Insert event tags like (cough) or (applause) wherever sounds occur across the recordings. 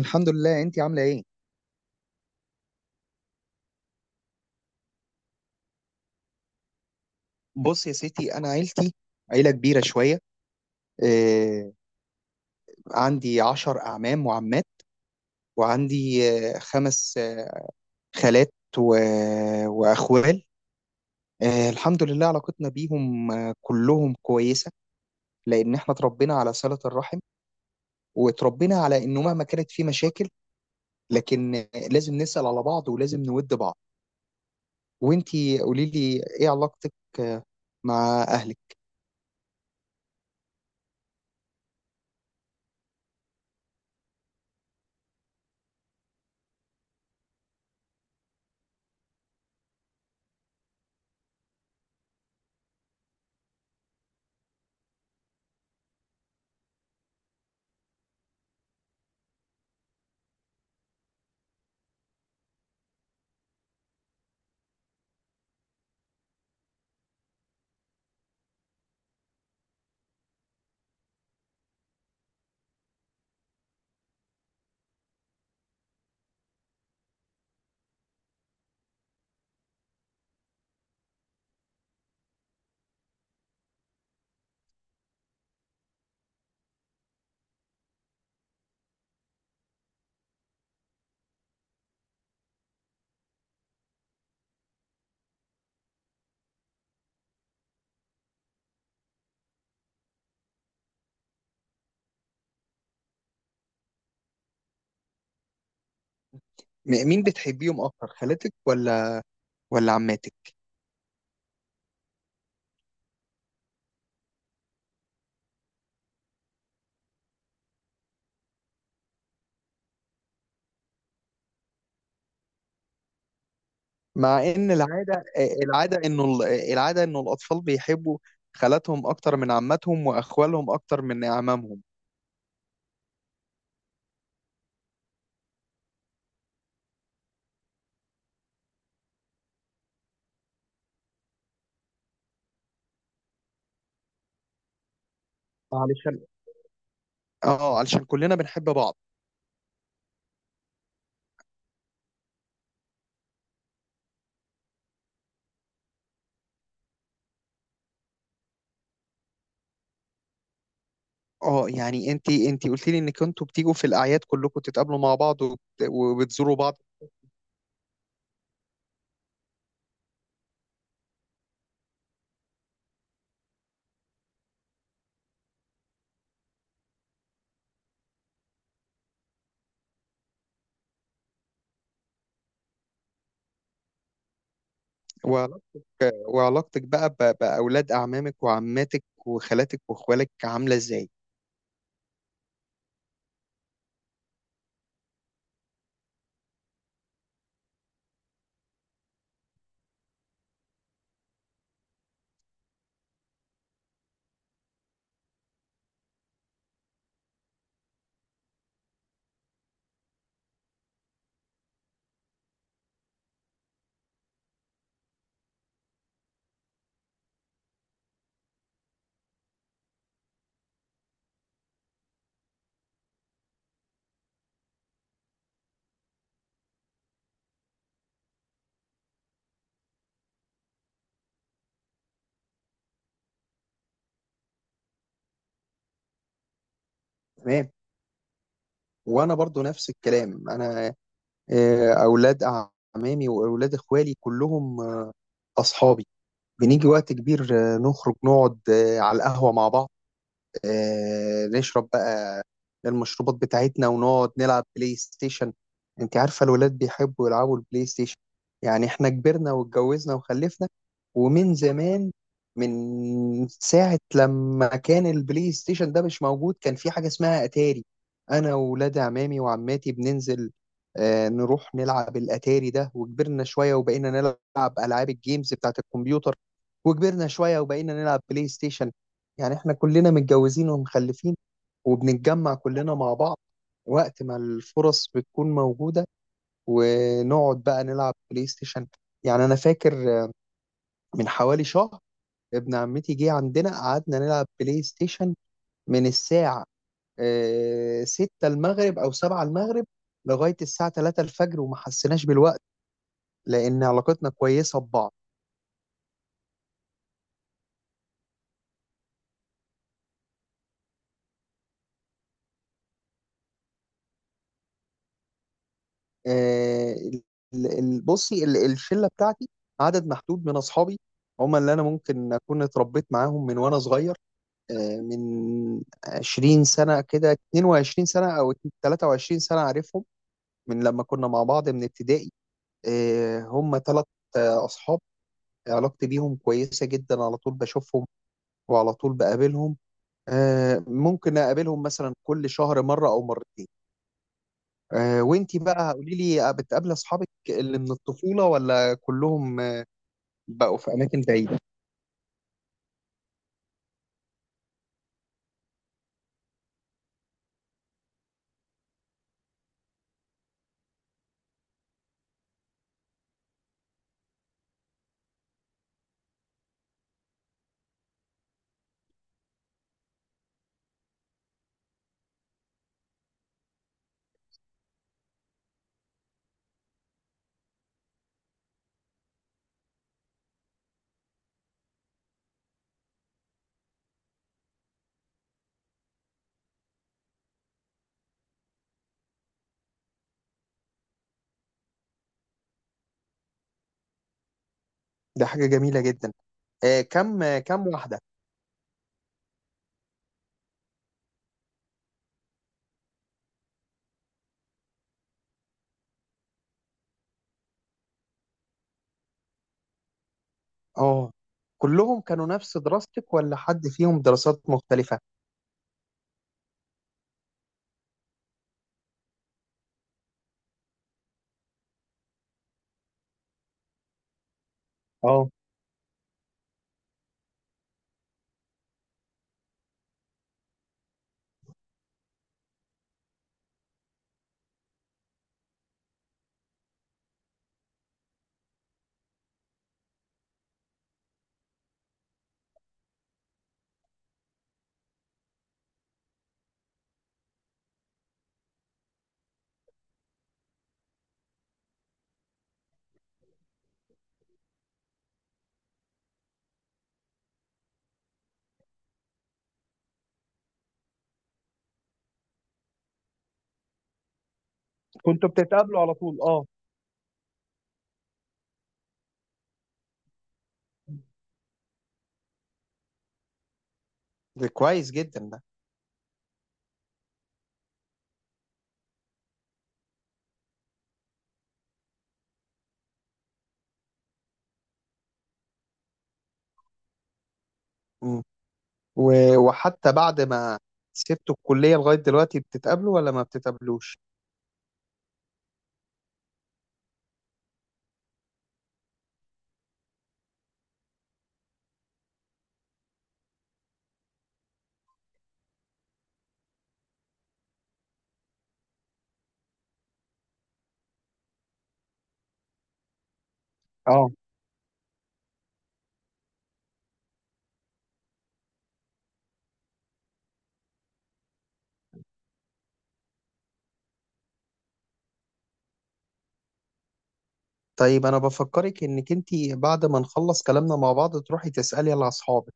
الحمد لله، انت عامله ايه؟ بص يا ستي، انا عيلتي عيله كبيره شويه. آه عندي 10 اعمام وعمات، وعندي خمس خالات، و... واخوال. الحمد لله، علاقتنا بيهم كلهم كويسه، لان احنا اتربينا على صله الرحم، واتربينا على انه مهما كانت في مشاكل لكن لازم نسال على بعض ولازم نود بعض. وانت، قولي لي ايه علاقتك آه، مع اهلك؟ مين بتحبيهم اكتر، خالاتك ولا عماتك؟ مع ان العاده (laughs) العاده انه ال- العاده انه الاطفال بيحبوا خالاتهم اكتر من عماتهم، واخوالهم اكتر من اعمامهم، علشان اه علشان كلنا بنحب بعض. اه يعني انت قلت لي انك انتوا بتيجوا في الاعياد كلكم تتقابلوا مع بعض، وبتزوروا بعض. وعلاقتك وعلاقتك بقى باولاد اعمامك وعماتك وخالاتك واخوالك عامله ازاي؟ تمام. وانا برضو نفس الكلام، انا اولاد اعمامي واولاد اخوالي كلهم اصحابي. بنيجي وقت كبير نخرج نقعد على القهوة مع بعض، نشرب بقى المشروبات بتاعتنا ونقعد نلعب بلاي ستيشن. انت عارفة الولاد بيحبوا يلعبوا البلاي ستيشن، يعني احنا كبرنا واتجوزنا وخلفنا. ومن زمان، من ساعة لما كان البلاي ستيشن ده مش موجود، كان في حاجة اسمها أتاري. أنا وولاد عمامي وعماتي بننزل نروح نلعب الأتاري ده. وكبرنا شوية وبقينا نلعب ألعاب الجيمز بتاعت الكمبيوتر، وكبرنا شوية وبقينا نلعب بلاي ستيشن. يعني احنا كلنا متجوزين ومخلفين، وبنتجمع كلنا مع بعض وقت ما الفرص بتكون موجودة، ونقعد بقى نلعب بلاي ستيشن. يعني أنا فاكر من حوالي شهر ابن عمتي جه عندنا، قعدنا نلعب بلاي ستيشن من الساعة 6 المغرب أو 7 المغرب لغاية الساعة 3 الفجر وما حسيناش بالوقت، لأن علاقتنا كويسة ببعض. آه، ال- بصي، الشله بتاعتي عدد محدود من اصحابي، هم اللي انا ممكن اكون اتربيت معاهم من وانا صغير، من 20 سنه كده، 22 سنه او 23 سنه عارفهم، من لما كنا مع بعض من ابتدائي. هم ثلاث اصحاب، علاقتي بيهم كويسه جدا. على طول بشوفهم وعلى طول بقابلهم، ممكن اقابلهم مثلا كل شهر مره او مرتين. وانتي بقى قولي لي، بتقابلي اصحابك اللي من الطفوله ولا كلهم بقوا في اماكن بعيده؟ ده حاجه جميله جدا. كم واحده؟ اه، كلهم كانوا نفس دراستك ولا حد فيهم دراسات مختلفه؟ اه، كنتوا بتتقابلوا على طول؟ اه، ده كويس جدا ده. مم. وحتى بعد ما سبتوا الكليه لغايه دلوقتي بتتقابلوا ولا ما بتتقابلوش؟ اه طيب، انا بفكرك انك انتي بعد ما نخلص كلامنا مع بعض تروحي تسالي على اصحابك.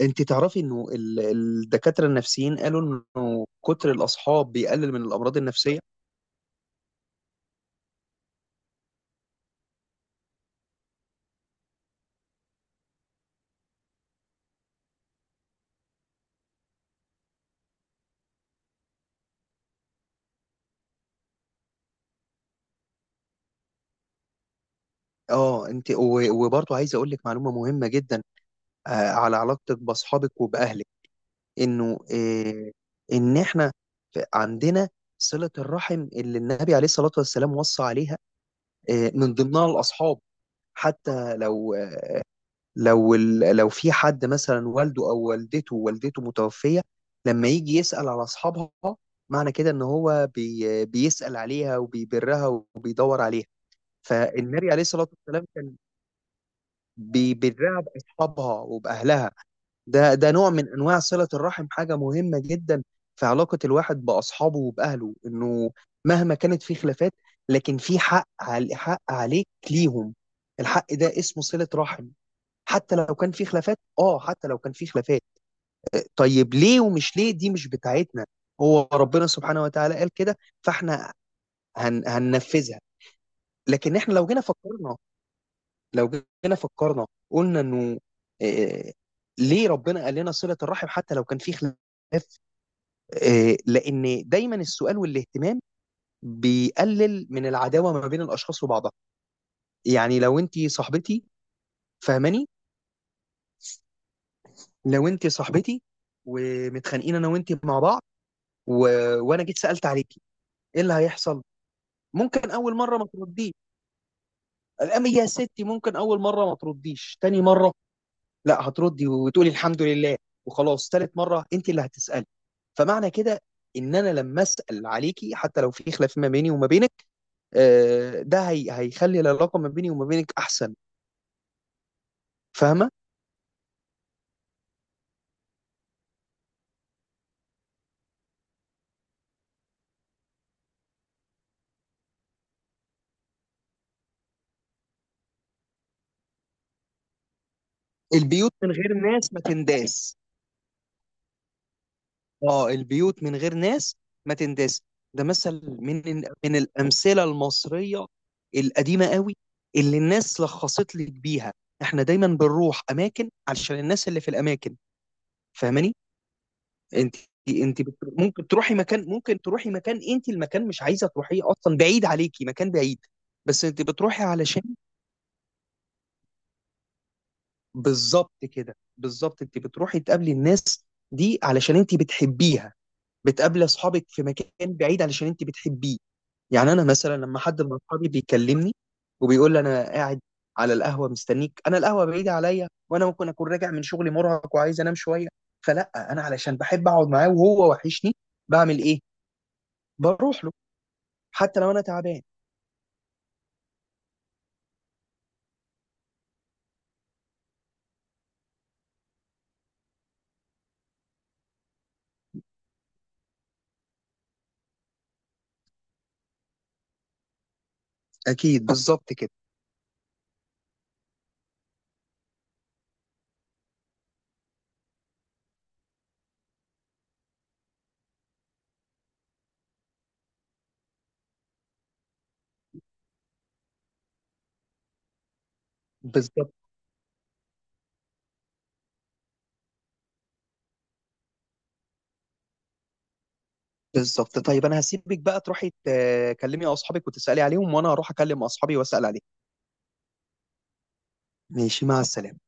انت تعرفي انه الدكاترة النفسيين قالوا انه كتر الاصحاب بيقلل من الامراض النفسية. اه انت، وبرضه عايز اقول لك معلومة مهمة جدا على علاقتك باصحابك وباهلك، انه ان احنا عندنا صلة الرحم اللي النبي عليه الصلاة والسلام وصى عليها، من ضمنها الاصحاب. حتى لو لو في حد مثلا والده او والدته متوفيه، لما يجي يسال على اصحابها، معنى كده ان هو بيسال عليها وبيبرها وبيدور عليها. فالنبي عليه الصلاه والسلام كان بيبرها باصحابها وباهلها. ده نوع من انواع صله الرحم، حاجه مهمه جدا في علاقه الواحد باصحابه وباهله، انه مهما كانت في خلافات لكن في حق حق عليك ليهم، الحق ده اسمه صله رحم. حتى لو كان في خلافات، اه حتى لو كان في خلافات طيب ليه؟ ومش ليه دي مش بتاعتنا، هو ربنا سبحانه وتعالى قال كده فاحنا هننفذها. لكن احنا لو جينا فكرنا قلنا انه آه، ليه ربنا قال لنا صلة الرحم حتى لو كان في خلاف؟ لان دايما السؤال والاهتمام بيقلل من العداوة ما بين الاشخاص وبعضها. يعني لو انت صاحبتي، فاهماني؟ لو انت صاحبتي ومتخانقين انا وانت مع بعض، و... وانا جيت سالت عليكي، ايه اللي هيحصل؟ ممكن اول مره ما ترديش، الام يا ستي، ممكن اول مره ما ترديش، تاني مره لا هتردي وتقولي الحمد لله وخلاص، تالت مره انت اللي هتسالي. فمعنى كده ان انا لما اسال عليكي حتى لو في خلاف ما بيني وما بينك، ده هيخلي العلاقه ما بيني وما بينك احسن. فاهمه؟ البيوت من غير ناس ما تنداس. اه البيوت من غير ناس ما تنداس. ده مثل من الامثله المصريه القديمه قوي، اللي الناس لخصت لك بيها. احنا دايما بنروح اماكن علشان الناس اللي في الاماكن. فاهماني؟ انت ممكن تروحي مكان، انت المكان مش عايزه تروحيه اصلا، بعيد عليكي، مكان بعيد، بس انت بتروحي علشان. بالظبط كده، بالظبط انت بتروحي تقابلي الناس دي علشان انت بتحبيها، بتقابلي اصحابك في مكان بعيد علشان انت بتحبيه. يعني انا مثلا لما حد من اصحابي بيكلمني وبيقول لي انا قاعد على القهوه مستنيك، انا القهوه بعيده عليا، وانا ممكن اكون راجع من شغلي مرهق وعايز انام شويه، فلا انا علشان بحب اقعد معاه وهو وحشني، بعمل ايه؟ بروح له حتى لو انا تعبان. اكيد بالظبط كده، بالظبط. بالظبط طيب، انا هسيبك بقى تروحي تكلمي اصحابك وتسالي عليهم، وانا هروح اكلم اصحابي واسال عليهم. ماشي، مع السلامه.